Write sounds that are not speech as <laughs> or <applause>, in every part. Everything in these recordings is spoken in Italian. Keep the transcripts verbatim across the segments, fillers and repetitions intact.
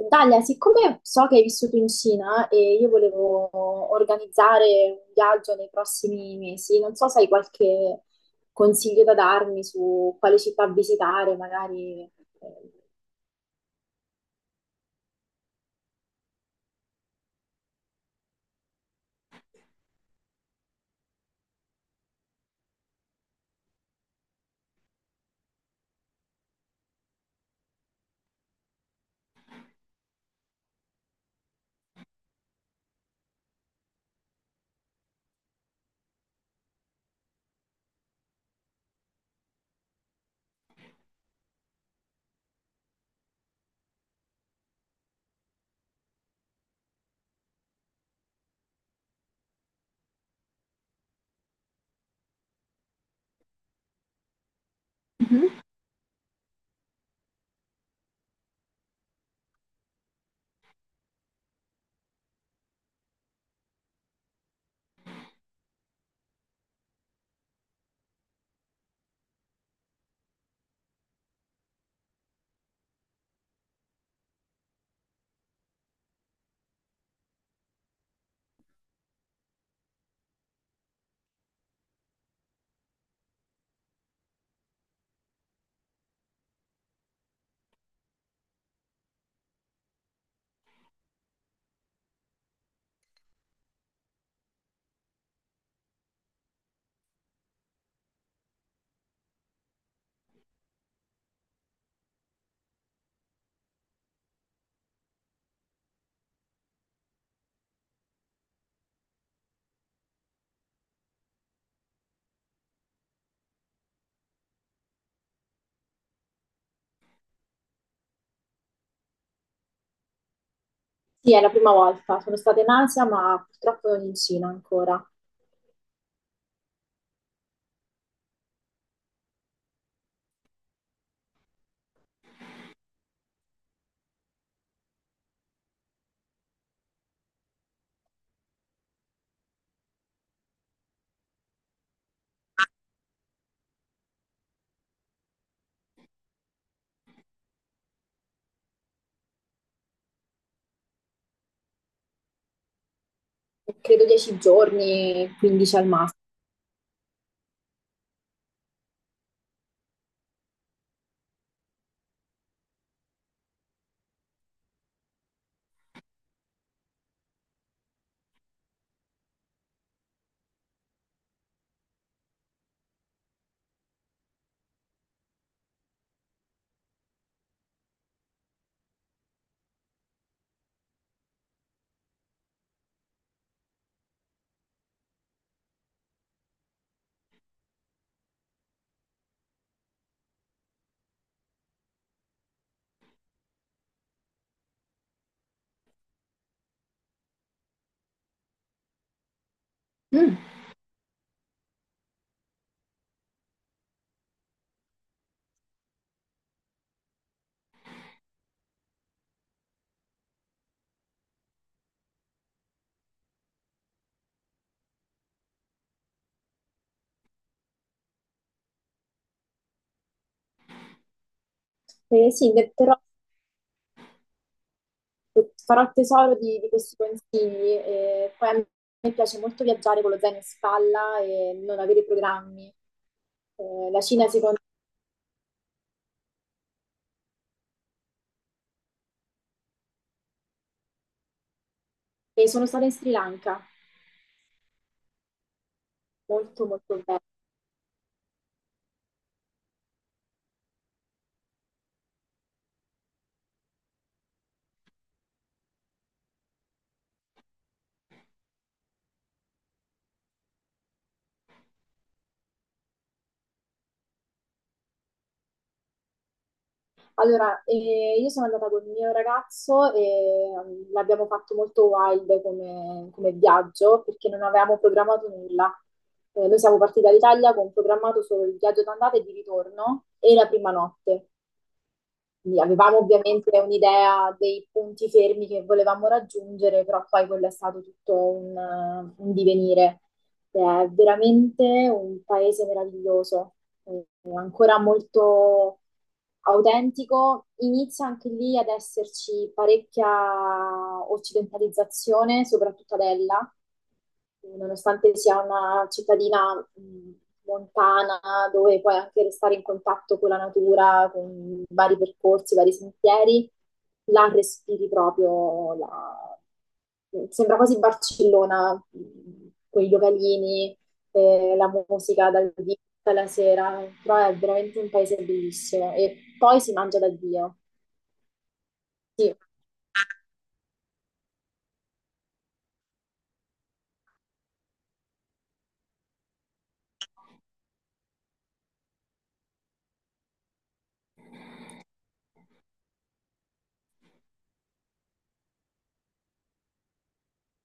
Dalia, siccome so che hai vissuto in Cina e io volevo organizzare un viaggio nei prossimi mesi, non so se hai qualche consiglio da darmi su quale città visitare, magari. eh, Mhm. Sì, è la prima volta. Sono stata in Asia, ma purtroppo non in Cina ancora. Credo dieci giorni, quindici al massimo. Mm. Eh, sì, ne- però farò tesoro di, di questi consigli. E poi a me piace molto viaggiare con lo zaino in spalla e non avere programmi. Eh, la Cina, secondo me, sono stata in Sri Lanka, molto molto bene. Allora, eh, io sono andata con il mio ragazzo e mm, l'abbiamo fatto molto wild come, come viaggio perché non avevamo programmato nulla. Eh, noi siamo partiti dall'Italia con programmato solo il viaggio d'andata e di ritorno e la prima notte. Quindi avevamo ovviamente un'idea dei punti fermi che volevamo raggiungere, però poi quello è stato tutto un, eh, un divenire. È veramente un paese meraviglioso, eh, ancora molto autentico. Inizia anche lì ad esserci parecchia occidentalizzazione, soprattutto ad Ella, nonostante sia una cittadina mh, montana, dove puoi anche restare in contatto con la natura, con vari percorsi, vari sentieri, là respiri proprio la- Sembra quasi Barcellona, mh, con i localini, eh, la musica dal vivo alla sera, però è veramente un paese bellissimo e poi si mangia da Dio. Sì.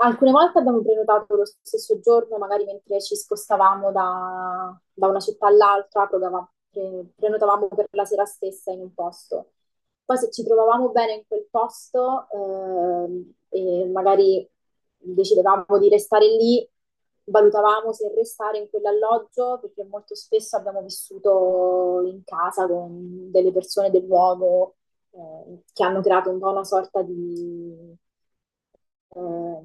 Alcune volte abbiamo prenotato lo stesso giorno, magari mentre ci spostavamo da, da una città all'altra, prenotavamo pre- prenotavamo per la sera stessa in un posto. Poi se ci trovavamo bene in quel posto, ehm, e magari decidevamo di restare lì, valutavamo se restare in quell'alloggio, perché molto spesso abbiamo vissuto in casa con delle persone del luogo eh, che hanno creato un po' una sorta di eh,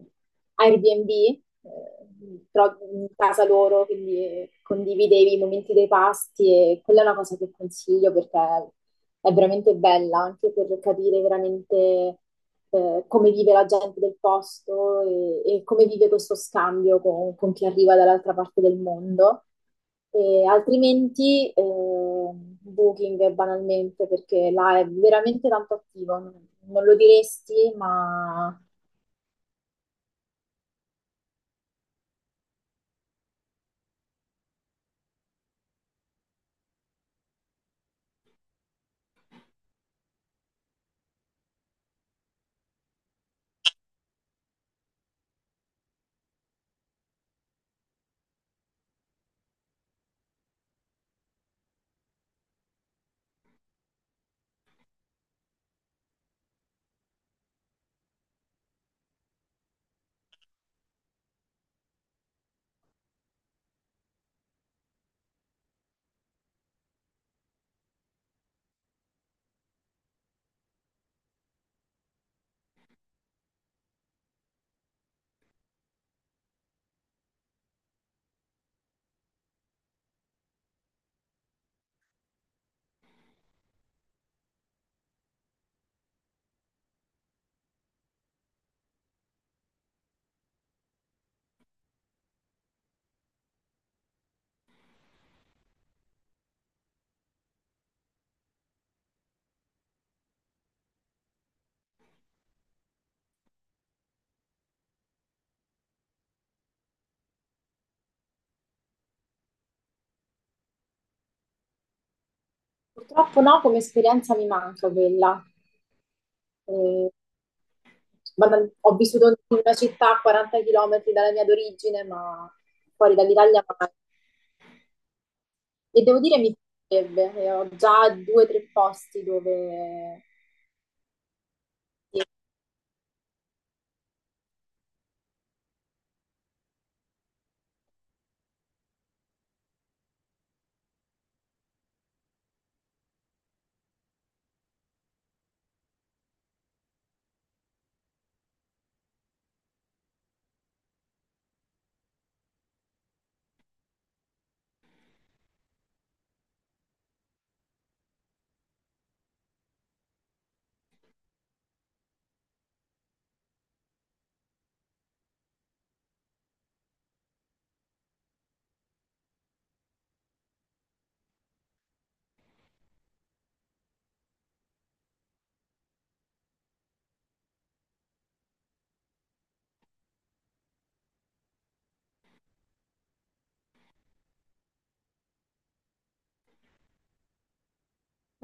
Airbnb, eh, però in casa loro, quindi condividevi i momenti dei pasti e quella è una cosa che consiglio perché è veramente bella anche per capire veramente eh, come vive la gente del posto e, e come vive questo scambio con, con chi arriva dall'altra parte del mondo. E altrimenti eh, Booking banalmente perché là è veramente tanto attivo, non non lo diresti, ma purtroppo no, come esperienza mi manca quella. Eh, banal- ho vissuto in una città a quaranta chilometri dalla mia d'origine, ma fuori dall'Italia mai. E devo dire mi piacerebbe, e ho già due o tre posti dove...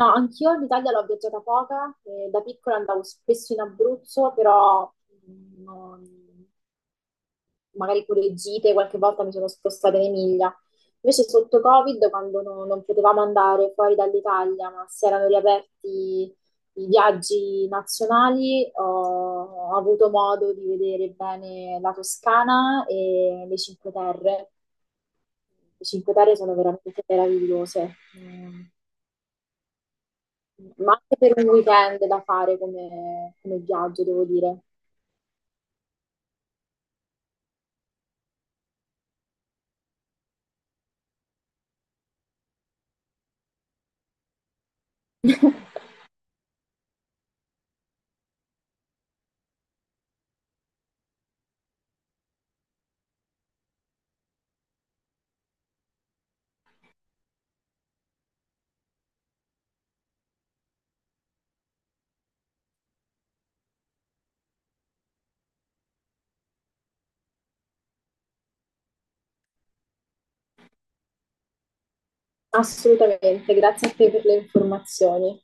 No, anch'io l'Italia l'ho viaggiata poca, e da piccola andavo spesso in Abruzzo, però mh, non- magari pure gite, qualche volta mi sono spostata in Emilia. Invece sotto Covid, quando no- non potevamo andare fuori dall'Italia, ma si erano riaperti i viaggi nazionali, ho, ho avuto modo di vedere bene la Toscana e le Cinque Terre. Le Cinque Terre sono veramente meravigliose, ehm, ma anche per un weekend da fare come, come viaggio, devo dire. <laughs> Assolutamente, grazie a te per le informazioni.